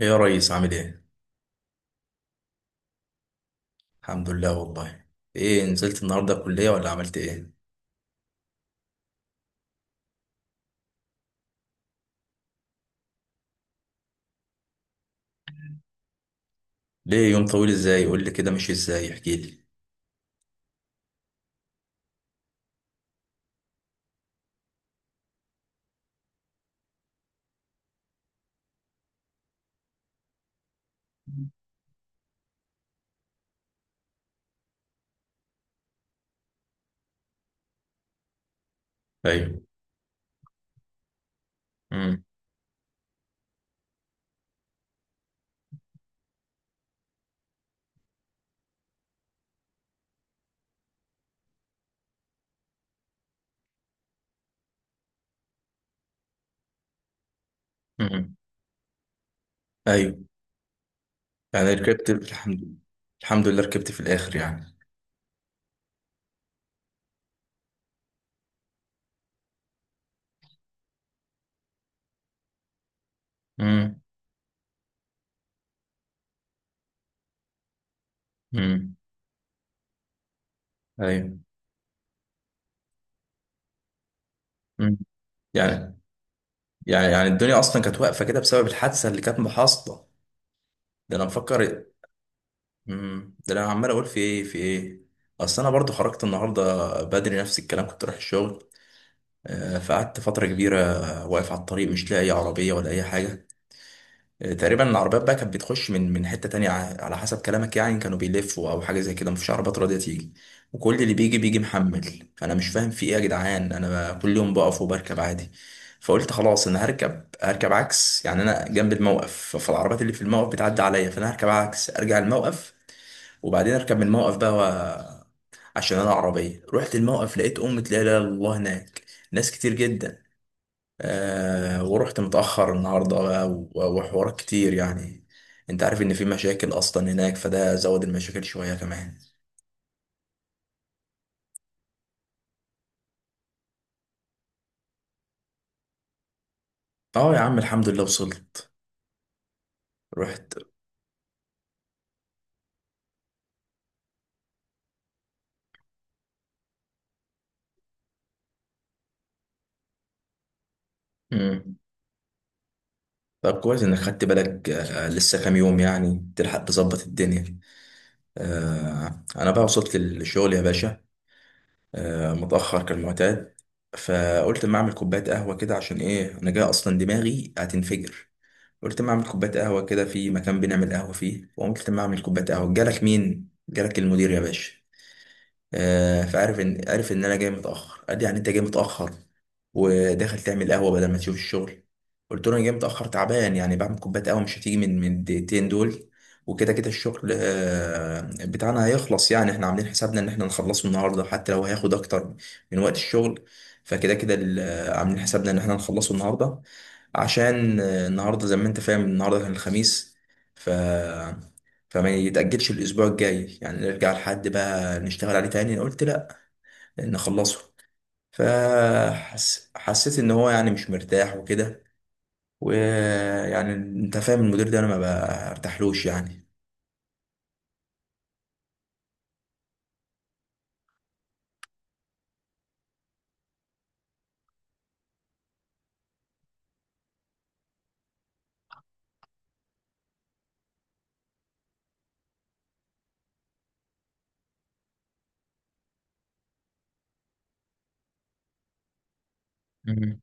ايه يا ريس، عامل ايه؟ الحمد لله والله. ايه، نزلت النهارده الكلية ولا عملت ايه؟ ليه يوم طويل ازاي؟ قول لي كده مشي ازاي، احكي لي. ايوه. امم. امم. ايوه. يعني ركبت الحمد الحمد لله ركبت في الاخر يعني. امم. امم. ايوه. امم. يعني يعني الدنيا اصلا كانت واقفة كده بسبب الحادثة اللي كانت محاصطة. ده انا مفكر. امم. ده انا عمال اقول في ايه في ايه. اصل انا برضو خرجت النهارده بدري نفس الكلام كنت رايح الشغل. فقعدت فترة كبيرة واقف على الطريق، مش لاقي عربية ولا أي حاجة. تقريبا العربيات بقى كانت بتخش من حتة تانية، على حسب كلامك يعني كانوا بيلفوا أو حاجة زي كده، مفيش عربيات راضية تيجي. وكل اللي بيجي بيجي محمل، فأنا مش فاهم في إيه يا جدعان، أنا كل يوم بقف وبركب عادي. فقلت خلاص أنا هركب هركب عكس، يعني أنا جنب الموقف، فالعربيات اللي في الموقف بتعدي عليا، فأنا هركب عكس أرجع الموقف. وبعدين أركب من الموقف بقى و... عشان أنا عربية رحت الموقف لقيت أمة لا إله إلا الله هناك، ناس كتير جدا. آه، ورحت متأخر النهاردة بقى وحوارات كتير يعني. انت عارف ان في مشاكل اصلا هناك، فده زود المشاكل شوية كمان. اه يا عم، الحمد لله وصلت. رحت. مم. طب كويس انك خدت بالك، لسه كام يوم يعني تلحق تظبط الدنيا. آه، انا بقى وصلت للشغل يا باشا، آه، متأخر كالمعتاد. فقلت اما اعمل كوباية قهوة كده، عشان ايه، انا جاي اصلا دماغي هتنفجر. قلت ما اعمل كوبايه قهوه كده في مكان بنعمل قهوه فيه، وقمت ما اعمل كوبايه قهوه جالك مين، جالك المدير يا باشا. فعارف ان انا جاي متاخر، قال لي يعني انت جاي متاخر وداخل تعمل قهوه بدل ما تشوف الشغل. قلت له انا جاي متاخر تعبان يعني بعمل كوبايه قهوه، مش هتيجي من الدقيقتين دول. وكده كده الشغل بتاعنا هيخلص، يعني احنا عاملين حسابنا ان احنا نخلصه النهارده حتى لو هياخد اكتر من وقت الشغل. فكده كده عاملين حسابنا ان احنا نخلصه النهارده، عشان النهارده زي ما انت فاهم النهارده كان الخميس. ف فما يتأجلش الأسبوع الجاي، يعني نرجع لحد بقى نشتغل عليه تاني، أنا قلت لأ، نخلصه. فحسيت إن هو يعني مش مرتاح وكده. ويعني أنت فاهم المدير ده أنا ما برتاحلوش يعني. مم.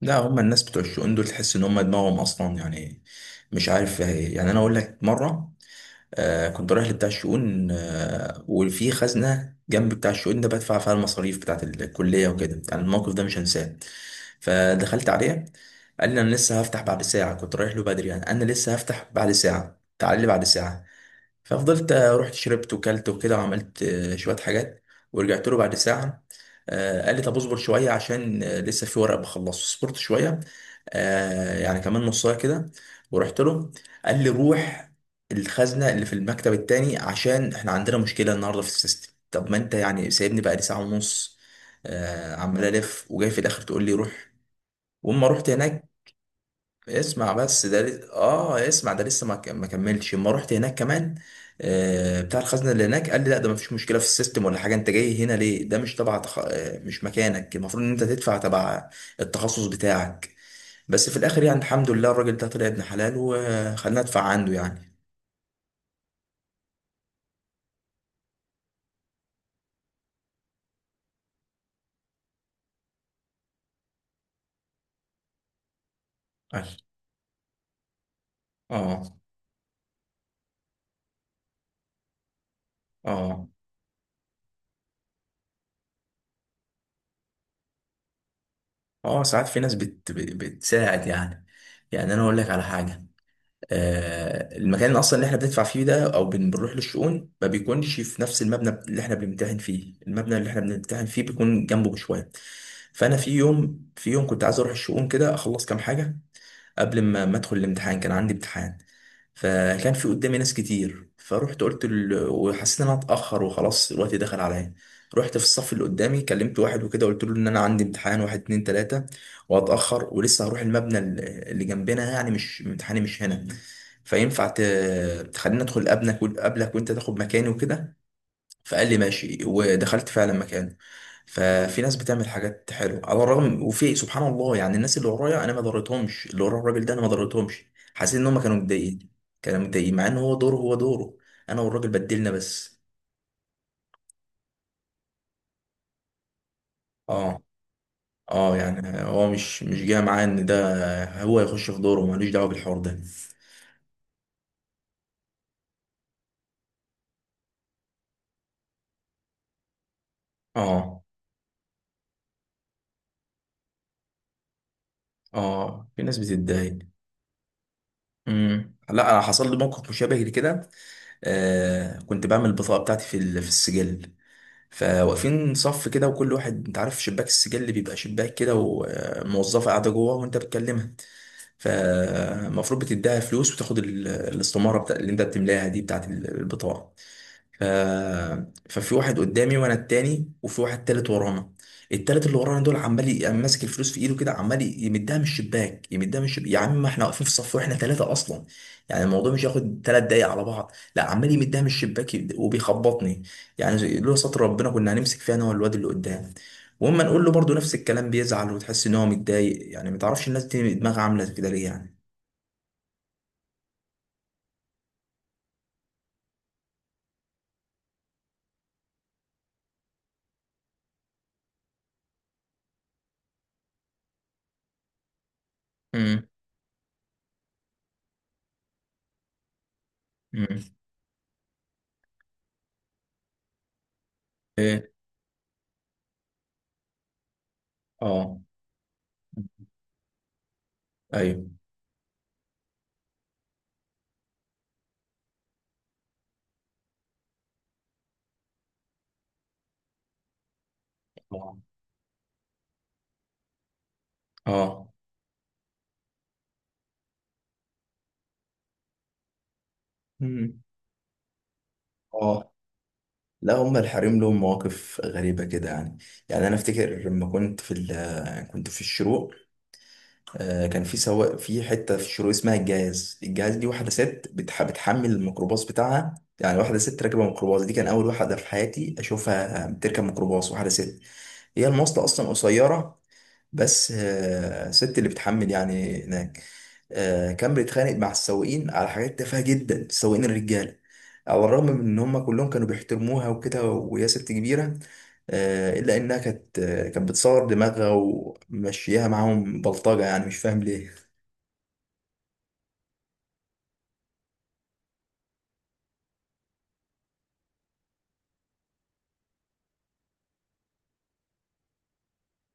لا، هما الناس بتوع الشؤون دول تحس إن هما دماغهم أصلا يعني مش عارف. يعني أنا أقول لك مرة، آه، كنت رايح لبتاع الشؤون، وفي خزنة جنب بتاع الشؤون ده بدفع فيها المصاريف بتاعة الكلية وكده، يعني الموقف ده مش هنساه. فدخلت عليه، قال لي أنا لسه هفتح بعد ساعة، كنت رايح له بدري يعني، أنا لسه هفتح بعد ساعة، تعال لي بعد ساعة. ففضلت، رحت شربت وكلت وكده، وعملت شوية حاجات. ورجعت له بعد ساعة. قال لي طب اصبر شوية عشان لسه في ورق بخلصه. صبرت شوية، يعني كمان نص ساعة كده. ورحت له، قال لي روح الخزنة اللي في المكتب التاني عشان احنا عندنا مشكلة النهاردة في السيستم. طب ما انت يعني سايبني بقى لي ساعة ونص، عمال الف وجاي في الاخر تقول لي روح. واما رحت هناك، اسمع بس ده لس- اه اسمع ده لسه ما كملش، اما رحت هناك كمان بتاع الخزنه اللي هناك قال لي لا ده ما فيش مشكله في السيستم ولا حاجه، انت جاي هنا ليه، ده مش تبع تخ... آه، مش مكانك، المفروض ان انت تدفع تبع التخصص بتاعك. بس في الاخر يعني الحمد لله الراجل ده طلع ابن حلال وخلنا ندفع عنده يعني. قال- اه اه اه. ساعات في ناس بتساعد يعني. يعني انا اقول لك على حاجه، المكان اصلا اللي احنا بندفع فيه ده او بنروح للشؤون ما بيكونش في نفس المبنى اللي احنا بنمتحن فيه، المبنى اللي احنا بنمتحن فيه بيكون جنبه بشويه. فانا في يوم كنت عايز اروح الشؤون كده اخلص كام حاجه قبل ما ادخل الامتحان، كان عندي امتحان. فكان في قدامي ناس كتير، فروحت قلت وحسيت ان انا اتاخر وخلاص الوقت دخل عليا. رحت في الصف اللي قدامي كلمت واحد وكده، قلت له ان انا عندي امتحان واحد اتنين تلاته وهتاخر ولسه هروح المبنى اللي جنبنا يعني، مش امتحاني مش هنا. فينفع تخليني ادخل قبلك وانت تاخد مكاني وكده. فقال لي ماشي ودخلت فعلا مكانه. ففي ناس بتعمل حاجات حلوه على الرغم وفي سبحان الله، يعني الناس اللي ورايا انا ما ضريتهمش، اللي ورا الراجل ده انا ما ضريتهمش، حسيت ان هم كانوا متضايقين، كانوا متضايقين مع ان هو دوره هو دوره، انا والراجل بدلنا بس. اه. اه. يعني هو مش جاي معاه ان ده هو يخش في دوره، ملوش دعوه بالحوار ده. اه. اه. في ناس بتتضايق. امم. لا، انا حصل لي موقف مشابه لكده. آه، كنت بعمل البطاقه بتاعتي في في السجل، فواقفين صف كده وكل واحد، انت عارف شباك السجل اللي بيبقى شباك كده وموظفه قاعده جوه وانت بتكلمها، فالمفروض بتديها فلوس وتاخد الاستماره بتاع اللي انت بتملاها دي بتاعت البطاقه. ف... ففي واحد قدامي وانا التاني وفي واحد تالت ورانا. التالت اللي ورانا دول عمال قام ماسك الفلوس في ايده كده، عمال يمدها من الشباك يمدها من الشباك يا عم، ما احنا واقفين في صف واحنا ثلاثة اصلا، يعني الموضوع مش هياخد ثلاث دقايق على بعض، لا عمال يمدها من الشباك وبيخبطني. يعني لولا ستر ربنا كنا هنمسك فيها انا والواد اللي قدام. واما نقول له برضه نفس الكلام بيزعل وتحس ان هو متضايق يعني، ما تعرفش الناس دي دماغها عامله كده ليه يعني. امم. امم. ايه. اه. ايوه. اه. مم. اه. لا، هم الحريم لهم مواقف غريبة كده يعني. يعني أنا أفتكر لما كنت في كنت في الشروق، آه، كان في سواق في حتة في الشروق اسمها الجاز، الجاز دي واحدة ست بتحمل الميكروباص بتاعها، يعني واحدة ست راكبة ميكروباص دي، كان أول واحدة في حياتي أشوفها بتركب ميكروباص واحدة ست، هي المواصلة أصلا قصيرة، بس آه، الست اللي بتحمل يعني هناك، آه، كان بيتخانق مع السواقين على حاجات تافهة جدا، السواقين الرجالة على الرغم من ان هم كلهم كانوا بيحترموها وكده وهي ست كبيرة، آه، الا انها كانت كانت بتصور دماغها ومشيها معاهم بلطجة، يعني مش فاهم ليه.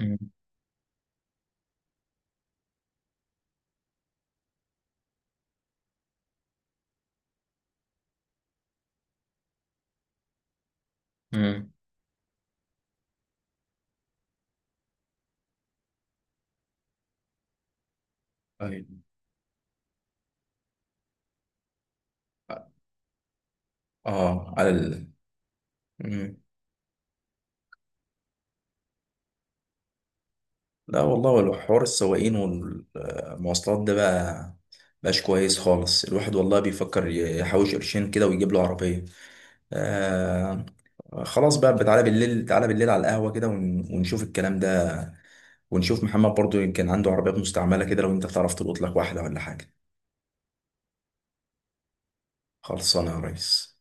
مم. مم. طيب. اه على ال. مم. لا والله، ولو حوار السواقين والمواصلات ده بقى مبقاش كويس خالص، الواحد والله بيفكر يحوش قرشين كده ويجيب له عربية. آه. خلاص بقى، تعالى بالليل تعالى بالليل على القهوة كده ونشوف الكلام ده، ونشوف محمد برضو يمكن عنده عربيات مستعملة كده، لو انت تعرف تلقط لك واحدة ولا حاجة. خلصانة يا ريس.